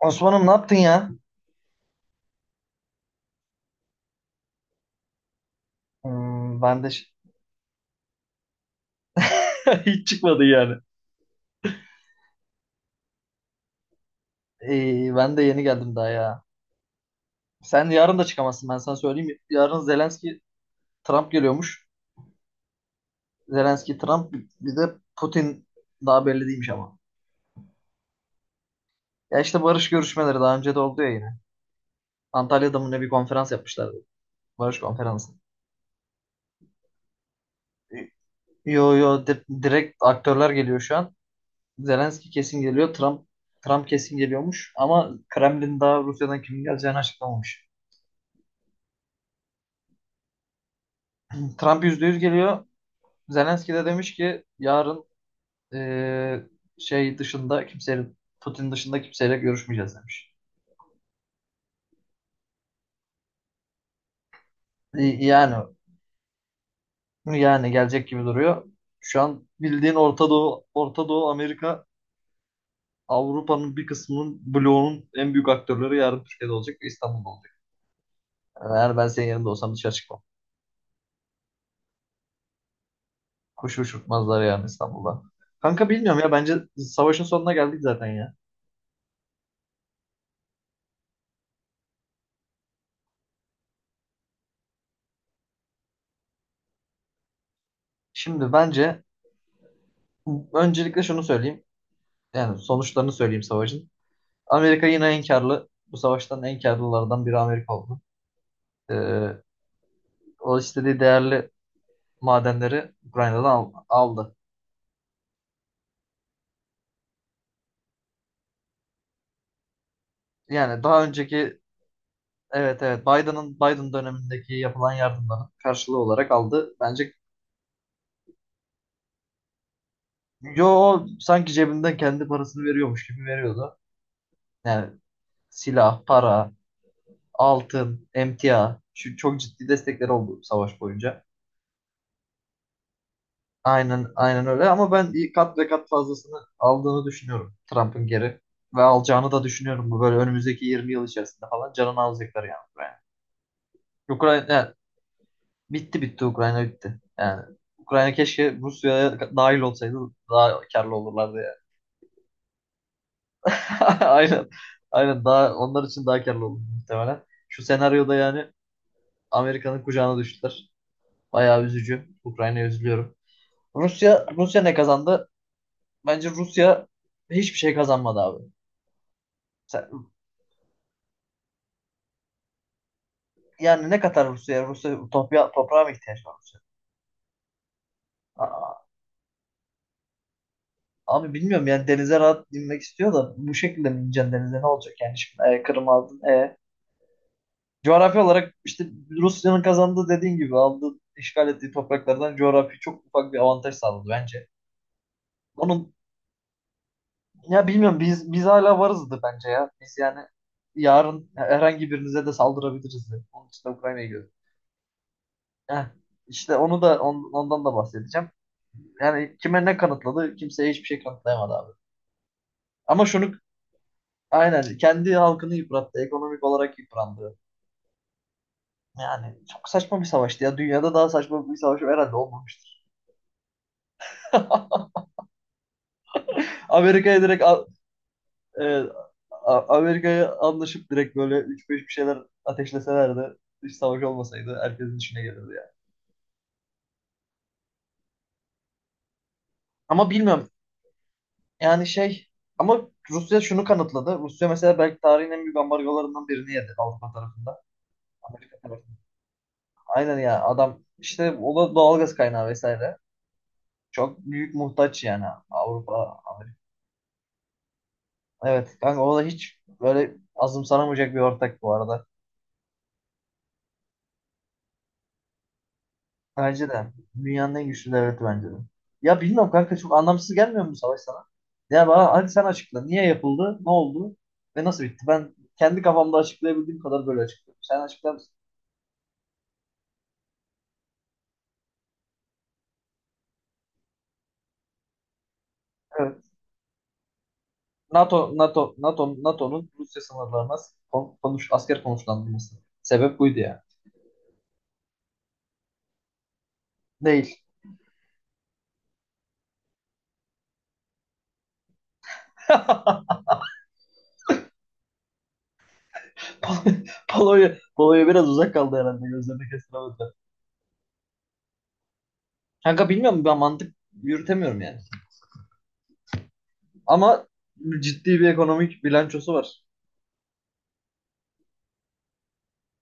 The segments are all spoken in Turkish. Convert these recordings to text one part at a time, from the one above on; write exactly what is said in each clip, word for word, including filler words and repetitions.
Osman'ım ne yaptın ya? Hmm, ben de ş- Hiç çıkmadı yani. Ee, ben de yeni geldim daha ya. Sen yarın da çıkamazsın, ben sana söyleyeyim. Yarın Zelenski Trump geliyormuş. Zelenski Trump, bir de Putin daha belli değilmiş ama. Ya işte barış görüşmeleri daha önce de oldu ya yine. Antalya'da mı ne bir konferans yapmışlardı. Barış konferansı. Yo yo, di- direkt aktörler geliyor şu an. Zelenski kesin geliyor. Trump Trump kesin geliyormuş ama Kremlin daha Rusya'dan kimin geleceğini açıklamamış. Trump yüzde yüz geliyor. Zelenski de demiş ki yarın eee, şey dışında kimseyle Putin dışında kimseyle görüşmeyeceğiz demiş. Y- Yani yani gelecek gibi duruyor. Şu an bildiğin Orta Doğu, Orta Doğu Amerika, Avrupa'nın bir kısmının bloğunun en büyük aktörleri yarın Türkiye'de olacak ve İstanbul'da olacak. Yani ben senin yerinde olsam dışarı çıkmam. Kuş uçurtmazlar yani İstanbul'da. Kanka bilmiyorum ya, bence savaşın sonuna geldik zaten ya. Şimdi bence öncelikle şunu söyleyeyim. Yani sonuçlarını söyleyeyim savaşın. Amerika yine en karlı. Bu savaştan en karlılardan biri Amerika oldu. Ee, O istediği değerli madenleri Ukrayna'dan al- aldı. Yani daha önceki, evet evet, Biden'ın Biden dönemindeki yapılan yardımların karşılığı olarak aldı. Bence yo, o sanki cebinden kendi parasını veriyormuş gibi veriyordu. Yani silah, para, altın, emtia, şu çok ciddi destekler oldu savaş boyunca. Aynen, aynen öyle ama ben kat ve kat fazlasını aldığını düşünüyorum Trump'ın geri, ve alacağını da düşünüyorum, bu böyle önümüzdeki yirmi yıl içerisinde falan canını alacaklar yani Ukrayna. Ukrayna yani bitti, bitti Ukrayna, bitti. Yani Ukrayna keşke Rusya'ya dahil olsaydı daha karlı olurlardı yani. Aynen. Aynen, daha onlar için daha karlı olur muhtemelen. Şu senaryoda yani Amerika'nın kucağına düştüler. Bayağı üzücü. Ukrayna'ya üzülüyorum. Rusya Rusya ne kazandı? Bence Rusya hiçbir şey kazanmadı abi. Sen- Yani ne kadar Rusya, Rusya topya, toprağa mı ihtiyaç var Rusya? Aa, abi bilmiyorum yani, denize rahat inmek istiyor da bu şekilde mi ineceksin denize, ne olacak yani şimdi, e, Kırım aldın e. Coğrafi olarak işte Rusya'nın kazandığı, dediğin gibi aldığı işgal ettiği topraklardan coğrafi çok ufak bir avantaj sağladı bence. Onun, ya bilmiyorum, biz biz hala varızdı bence ya. Biz yani yarın herhangi birinize de saldırabiliriz de. Onun için de Ukrayna'yı. Heh, işte onu da, on- ondan da bahsedeceğim. Yani kime ne kanıtladı? Kimseye hiçbir şey kanıtlayamadı abi. Ama şunu, aynen, kendi halkını yıprattı. Ekonomik olarak yıprandı. Yani çok saçma bir savaştı ya. Dünyada daha saçma bir savaş herhalde olmamıştır. Amerika'ya direkt a- e, A- Amerika'ya anlaşıp direkt böyle üç beş bir şeyler ateşleselerdi, hiç savaş olmasaydı, herkesin içine gelirdi yani. Ama bilmiyorum. Yani şey, ama Rusya şunu kanıtladı. Rusya mesela belki tarihin en büyük ambargolarından birini yedi Avrupa tarafında. Amerika tarafında. Aynen ya, adam işte, o da doğalgaz kaynağı vesaire. Çok büyük muhtaç yani Avrupa, Amerika. Evet kanka, o da hiç böyle azımsanamayacak bir ortak bu arada. Bence de, dünyanın en güçlü devleti bence de. Ya bilmiyorum kanka, çok anlamsız gelmiyor mu bu savaş sana? Ya bana hadi sen açıkla. Niye yapıldı? Ne oldu? Ve nasıl bitti? Ben kendi kafamda açıklayabildiğim kadar böyle açıklıyorum. Sen açıklar mısın? NATO NATO NATO NATO'nun Rusya sınırlarına kon- konuş, asker konuşlandırması. Sebep buydu ya. Değil. Pol- Polonya, Polonya biraz uzak kaldı herhalde, gözlerini kestiremediler. Kanka bilmiyorum, ben mantık yürütemiyorum yani. Ama ciddi bir ekonomik bilançosu var.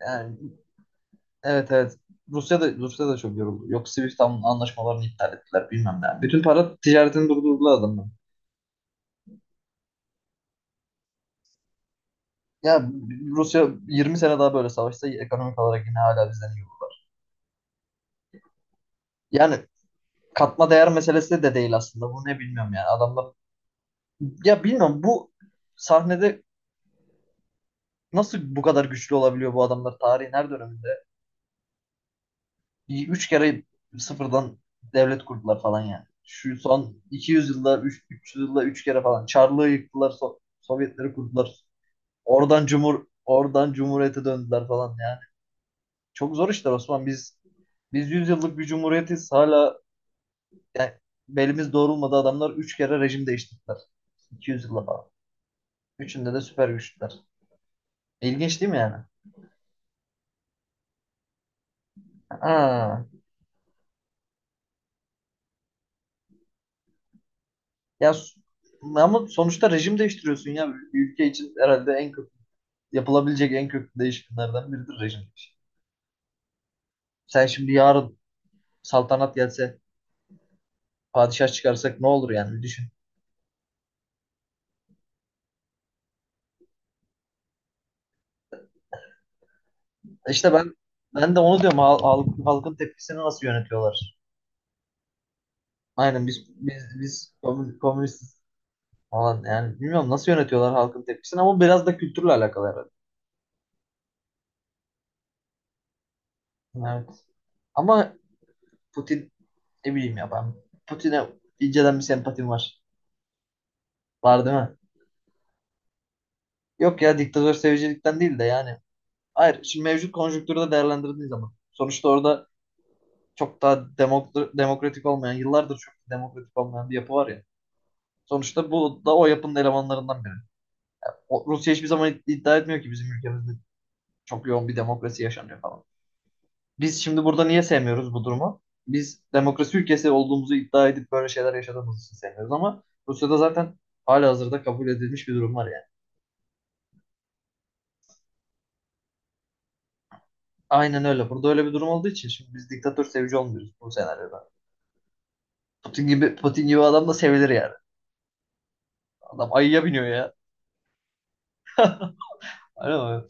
Yani evet evet. Rusya da Rusya da çok yoruldu. Yok Swift an- anlaşmalarını iptal ettiler, bilmem ne. Bütün para ticaretini durdurdular adamlar. Ya Rusya yirmi sene daha böyle savaşsa ekonomik olarak yine hala bizden iyi olur. Yani katma değer meselesi de değil aslında. Bu ne bilmiyorum yani. Adamlar, ya bilmiyorum, bu sahnede nasıl bu kadar güçlü olabiliyor bu adamlar tarihin her döneminde? Üç kere sıfırdan devlet kurdular falan yani. Şu son iki yüz yılda, üç- 300 yılda üç kere falan. Çarlığı yıktılar, So- Sovyetleri kurdular. Oradan cumhur, oradan cumhuriyete döndüler falan yani. Çok zor işler Osman. Biz biz yüz yıllık bir cumhuriyetiz. Hala yani belimiz doğrulmadı, adamlar üç kere rejim değiştirdiler. iki yüz yılda falan. Üçünde de süper güçler. İlginç değil mi yani? Aa. Ya s- Ama sonuçta rejim değiştiriyorsun ya. Bir ülke için herhalde en kötü yapılabilecek en köklü değişikliklerden biridir rejim değişikliği. Sen şimdi yarın saltanat gelse, padişah çıkarsak ne olur yani, bir düşün. İşte ben, ben de onu diyorum. Hal- halk- halkın tepkisini nasıl yönetiyorlar? Aynen biz biz biz komün- komünistiz falan yani, bilmiyorum nasıl yönetiyorlar halkın tepkisini, ama biraz da kültürle alakalı herhalde. Evet. Ama Putin, ne bileyim ya, ben Putin'e inceden bir sempatim var. Var değil mi? Yok ya, diktatör sevicilikten değil de yani. Hayır şimdi mevcut konjüktürde değerlendirdiği zaman. Sonuçta orada çok daha demok- demokratik olmayan, yıllardır çok demokratik olmayan bir yapı var ya. Sonuçta bu da o yapının elemanlarından biri. O- Rusya hiçbir zaman iddia etmiyor ki bizim ülkemizde çok yoğun bir demokrasi yaşanıyor falan. Biz şimdi burada niye sevmiyoruz bu durumu? Biz demokrasi ülkesi olduğumuzu iddia edip böyle şeyler yaşadığımız için sevmiyoruz, ama Rusya'da zaten halihazırda kabul edilmiş bir durum var. Aynen öyle. Burada öyle bir durum olduğu için şimdi biz diktatör sevici olmuyoruz bu senaryoda. Putin gibi Putin gibi adam da sevilir yani. Adam ayıya biniyor ya. Aynen öyle.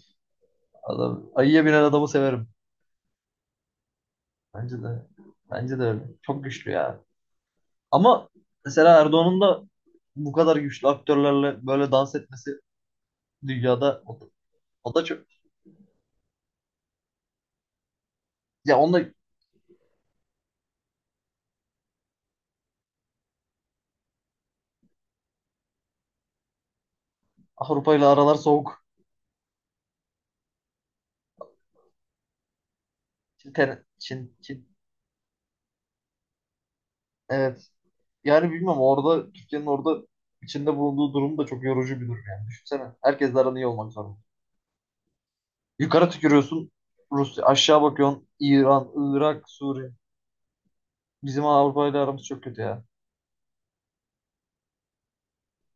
Adam ayıya binen adamı severim. Bence de. Bence de öyle. Çok güçlü ya. Ama mesela Erdoğan'ın da bu kadar güçlü aktörlerle böyle dans etmesi dünyada, o da, o da çok, ya onda Avrupa ile aralar soğuk. Çin, ter- Çin, Çin. Evet. Yani bilmem, orada Türkiye'nin orada içinde bulunduğu durum da çok yorucu bir durum yani. Düşünsene. Herkesle aran iyi olmak zorunda. Yukarı tükürüyorsun Rusya. Aşağı bakıyorsun İran, Irak, Suriye. Bizim Avrupa ile aramız çok kötü ya.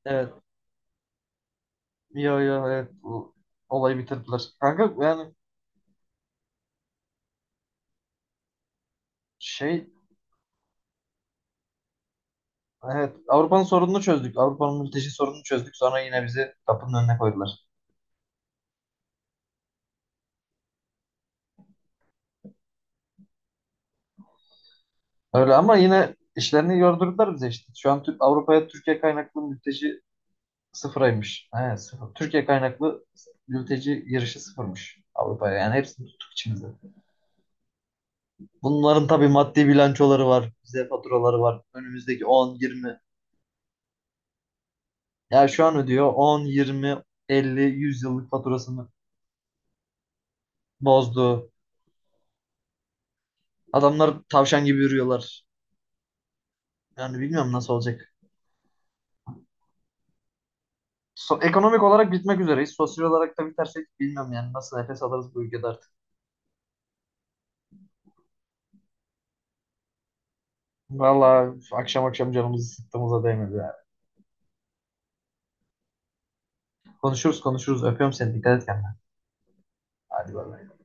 Evet. Ya ya evet. Bu olayı bitirdiler. Kanka yani şey, evet, Avrupa'nın sorununu çözdük. Avrupa'nın mülteci sorununu çözdük. Sonra yine bizi kapının önüne koydular. Öyle ama yine işlerini yordurdular bize işte. Şu an Tür- Avrupa'ya Türkiye kaynaklı mülteci sıfıraymış. Evet, sıfır. Türkiye kaynaklı mülteci girişi sıfırmış Avrupa'ya. Yani hepsini tuttuk içimize. Bunların tabii maddi bilançoları var. Bize faturaları var. Önümüzdeki on, yirmi. Ya şu an ödüyor on, yirmi, elli, yüz yıllık faturasını bozdu. Adamlar tavşan gibi yürüyorlar. Yani bilmiyorum nasıl olacak. So- ekonomik olarak bitmek üzereyiz. Sosyal olarak da bitersek bilmiyorum yani nasıl nefes alırız bu ülkede artık. Vallahi akşam akşam canımızı sıktığımıza değmedi yani. Konuşuruz konuşuruz. Öpüyorum seni. Dikkat et kendine. Hadi bay bay.